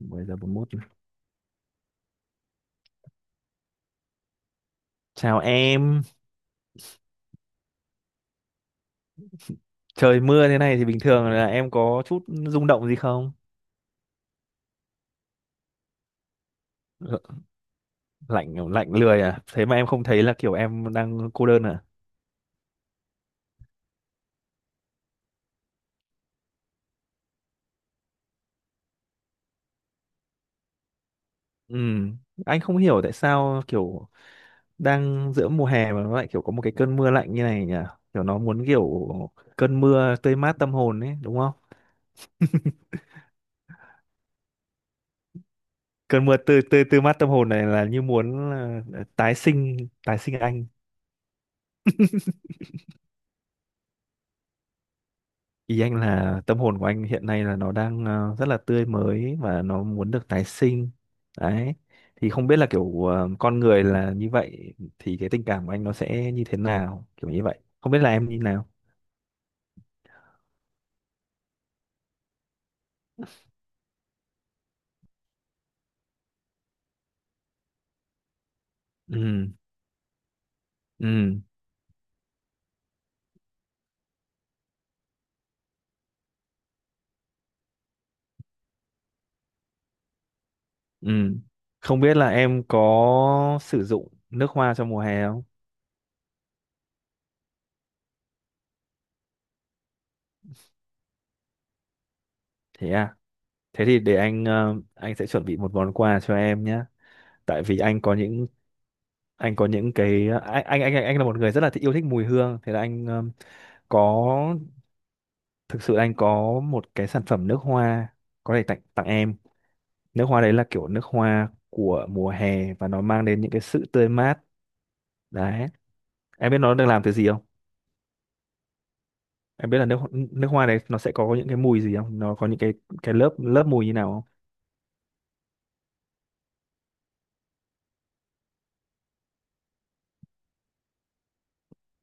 10 giờ 41 rồi. Chào em, trời mưa thế này thì bình thường là em có chút rung động gì không? L- Lạnh lạnh lười à? Thế mà em không thấy là kiểu em đang cô đơn à? Ừ, anh không hiểu tại sao kiểu đang giữa mùa hè mà nó lại kiểu có một cái cơn mưa lạnh như này nhỉ? Kiểu nó muốn kiểu cơn mưa tươi mát tâm hồn ấy, đúng không? Cơn mưa tươi tươi tươi mát tâm hồn này là như muốn là tái sinh, tái sinh anh. Ý anh là tâm hồn của anh hiện nay là nó đang rất là tươi mới và nó muốn được tái sinh. Đấy. Thì không biết là kiểu ờ, con người là như vậy thì cái tình cảm của anh nó sẽ như thế nào, kiểu như vậy. Không biết là em như nào. Ừ, ừ, ừ. Không biết là em có sử dụng nước hoa trong mùa hè không? Thế à. Thế thì để anh anh sẽ chuẩn bị một món quà cho em nhé. Tại vì anh có những cái anh anh là một người rất là yêu thích mùi hương, thế là anh có, thực sự anh có một cái sản phẩm nước hoa, có thể tặng tặng em. Nước hoa đấy là kiểu nước hoa của mùa hè và nó mang đến những cái sự tươi mát đấy. Em biết nó được làm từ gì không? Em biết là nước nước hoa đấy nó sẽ có những cái mùi gì không, nó có những cái lớp lớp mùi như nào không?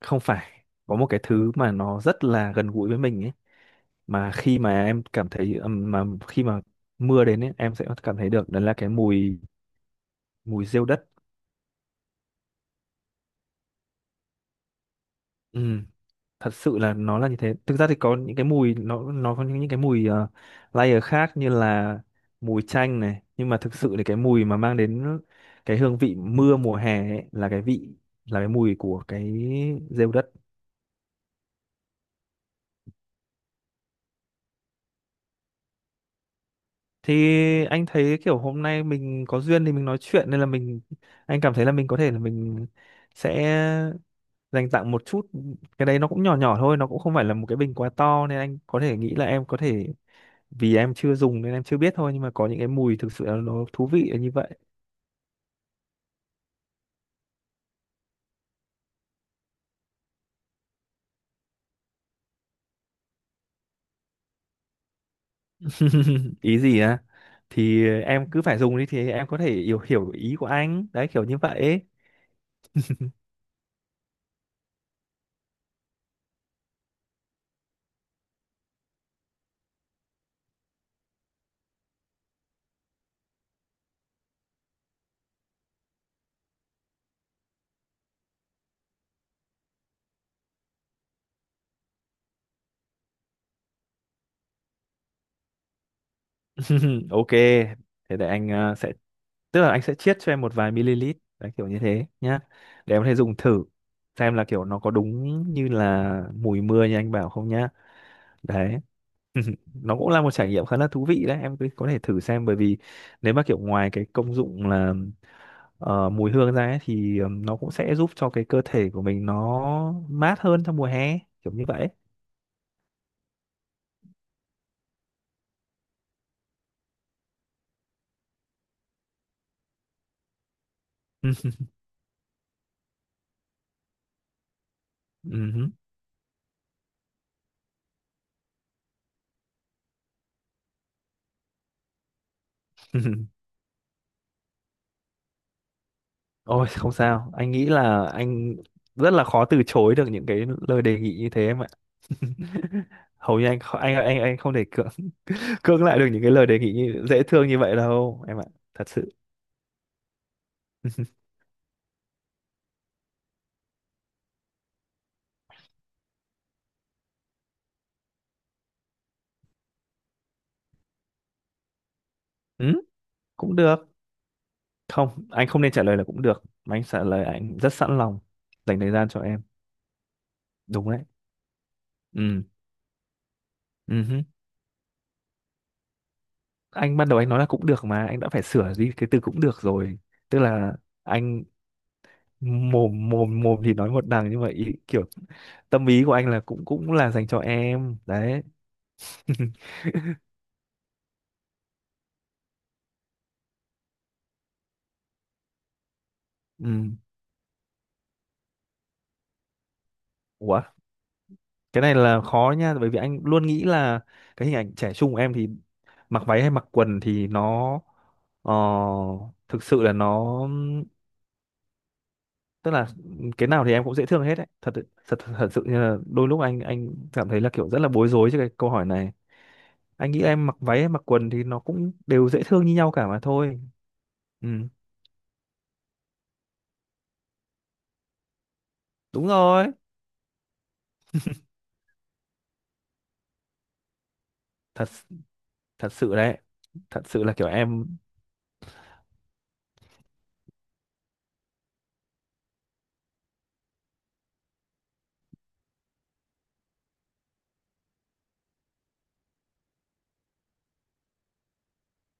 Không phải, có một cái thứ mà nó rất là gần gũi với mình ấy, mà khi mà em cảm thấy mà khi mà mưa đến ấy, em sẽ cảm thấy được đó là cái mùi mùi rêu đất. Ừm, Thật sự là nó là như thế. Thực ra thì có những cái mùi, nó có những cái mùi layer khác như là mùi chanh này, nhưng mà thực sự thì cái mùi mà mang đến cái hương vị mưa mùa hè ấy, là cái vị, là cái mùi của cái rêu đất. Thì anh thấy kiểu hôm nay mình có duyên thì mình nói chuyện, nên là mình, anh cảm thấy là mình có thể là mình sẽ dành tặng một chút. Cái đấy nó cũng nhỏ nhỏ thôi, nó cũng không phải là một cái bình quá to nên anh có thể nghĩ là em có thể, vì em chưa dùng nên em chưa biết thôi, nhưng mà có những cái mùi thực sự là nó thú vị là như vậy. Ý gì á? Thì em cứ phải dùng đi thì em có thể hiểu hiểu ý của anh đấy, kiểu như vậy ấy. Ok, thế để anh sẽ, tức là anh sẽ chiết cho em một vài ml, đấy kiểu như thế nhá, để em có thể dùng thử xem là kiểu nó có đúng như là mùi mưa như anh bảo không nhá. Đấy. Nó cũng là một trải nghiệm khá là thú vị đấy, em cứ có thể thử xem, bởi vì nếu mà kiểu ngoài cái công dụng là mùi hương ra ấy, thì nó cũng sẽ giúp cho cái cơ thể của mình nó mát hơn trong mùa hè, kiểu như vậy. Ừ, ừ. Ôi không sao, anh nghĩ là anh rất là khó từ chối được những cái lời đề nghị như thế em ạ. Hầu như anh không thể cưỡng, cưỡng lại được những cái lời đề nghị như, dễ thương như vậy đâu em ạ, thật sự. ừ, cũng được. Không, anh không nên trả lời là cũng được. Mà anh trả lời anh rất sẵn lòng dành thời gian cho em. Đúng đấy. Ừ. Ừ hứ. Anh ban đầu anh nói là cũng được mà anh đã phải sửa đi cái từ cũng được rồi. Tức là anh, mồm mồm mồm thì nói một đằng nhưng mà ý, kiểu tâm ý của anh là cũng cũng là dành cho em đấy. Ừ. Ủa, cái này là khó nha, bởi vì anh luôn nghĩ là cái hình ảnh trẻ trung của em thì mặc váy hay mặc quần thì nó ờ, thực sự là nó, tức là cái nào thì em cũng dễ thương hết đấy, thật, thật sự như là đôi lúc anh cảm thấy là kiểu rất là bối rối trước cái câu hỏi này. Anh nghĩ em mặc váy em mặc quần thì nó cũng đều dễ thương như nhau cả mà thôi. Ừ, đúng rồi. Thật, thật sự đấy, thật sự là kiểu em.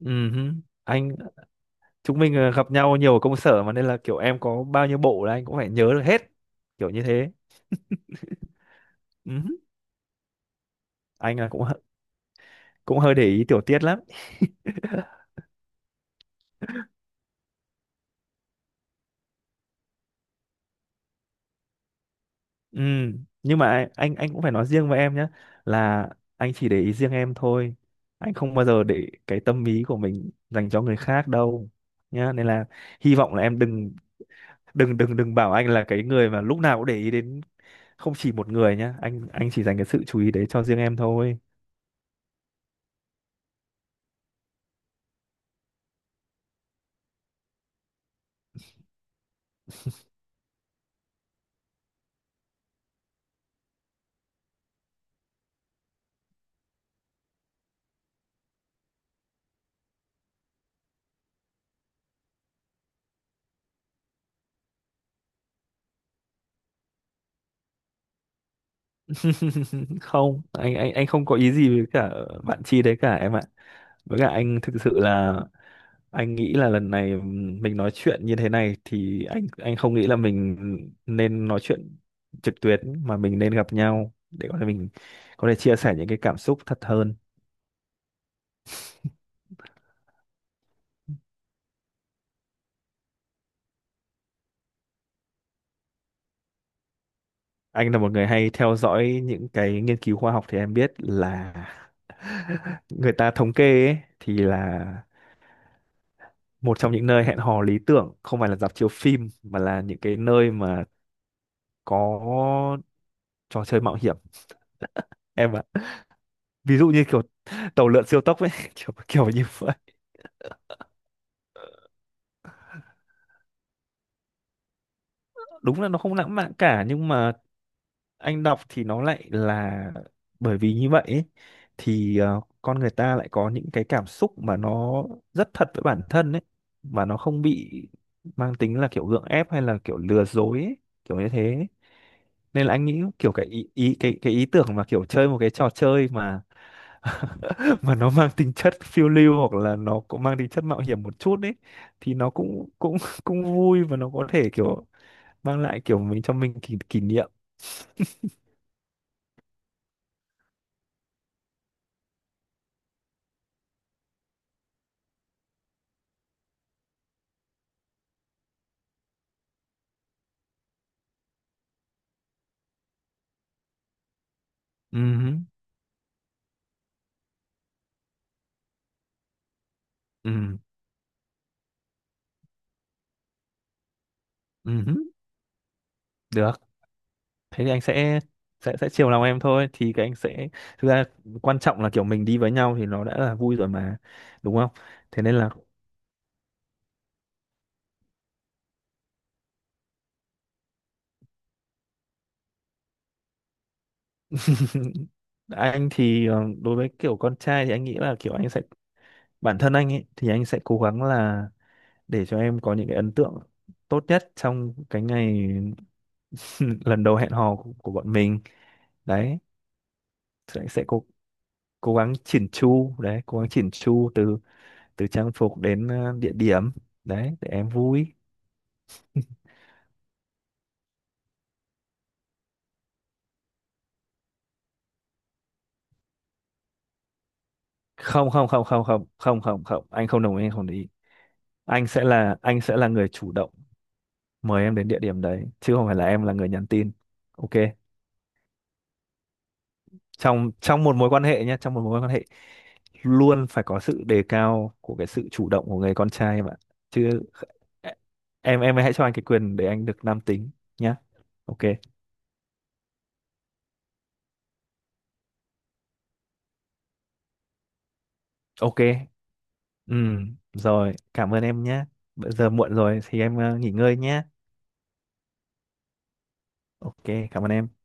Ừ hứ. Anh, chúng mình gặp nhau nhiều ở công sở mà nên là kiểu em có bao nhiêu bộ là anh cũng phải nhớ được hết, kiểu như thế. Ừ hứ. Anh là cũng cũng hơi để ý tiểu tiết lắm. Ừ, nhưng mà anh cũng phải nói riêng với em nhé, là anh chỉ để ý riêng em thôi. Anh không bao giờ để cái tâm ý của mình dành cho người khác đâu nhá. Nên là hy vọng là em đừng, đừng bảo anh là cái người mà lúc nào cũng để ý đến không chỉ một người nhá. Anh chỉ dành cái sự chú ý đấy cho riêng em thôi. Không, anh không có ý gì với cả bạn Chi đấy cả em ạ. Với cả anh thực sự là anh nghĩ là lần này mình nói chuyện như thế này thì anh không nghĩ là mình nên nói chuyện trực tuyến, mà mình nên gặp nhau để có thể mình có thể chia sẻ những cái cảm xúc thật hơn. Anh là một người hay theo dõi những cái nghiên cứu khoa học thì em biết là người ta thống kê ấy, thì là một trong những nơi hẹn hò lý tưởng không phải là rạp chiếu phim mà là những cái nơi mà có trò chơi mạo hiểm em ạ. Ví dụ như kiểu tàu lượn siêu tốc ấy, kiểu kiểu như vậy. Đúng là nó không lãng mạn cả, nhưng mà anh đọc thì nó lại là, bởi vì như vậy ấy, thì con người ta lại có những cái cảm xúc mà nó rất thật với bản thân ấy, mà nó không bị mang tính là kiểu gượng ép hay là kiểu lừa dối ấy, kiểu như thế ấy. Nên là anh nghĩ kiểu cái ý, ý cái ý tưởng mà kiểu chơi một cái trò chơi mà mà nó mang tính chất phiêu lưu hoặc là nó cũng mang tính chất mạo hiểm một chút ấy thì nó cũng cũng cũng vui và nó có thể kiểu mang lại kiểu mình, cho mình kỷ, kỷ niệm. ừ ừ ừ được. Thế thì anh sẽ, sẽ chiều lòng em thôi, thì cái anh sẽ, thực ra quan trọng là kiểu mình đi với nhau thì nó đã là vui rồi mà, đúng không? Thế nên là anh thì đối với kiểu con trai thì anh nghĩ là kiểu anh sẽ, bản thân anh ấy thì anh sẽ cố gắng là để cho em có những cái ấn tượng tốt nhất trong cái ngày lần đầu hẹn hò của bọn mình đấy, sẽ cố cố gắng chỉn chu đấy, cố gắng chỉn chu từ, từ trang phục đến địa điểm đấy để em vui. Không không không không không không không không anh không đồng ý, anh không đồng ý. Anh sẽ là, anh sẽ là người chủ động mời em đến địa điểm đấy chứ không phải là em là người nhắn tin. Ok. Trong trong một mối quan hệ nhé, trong một mối quan hệ luôn phải có sự đề cao của cái sự chủ động của người con trai em ạ, chứ em hãy cho anh cái quyền để anh được nam tính nhá. Ok. Ok. Ừ, rồi cảm ơn em nhé, bây giờ muộn rồi thì em nghỉ ngơi nhé. Ok, cảm ơn em.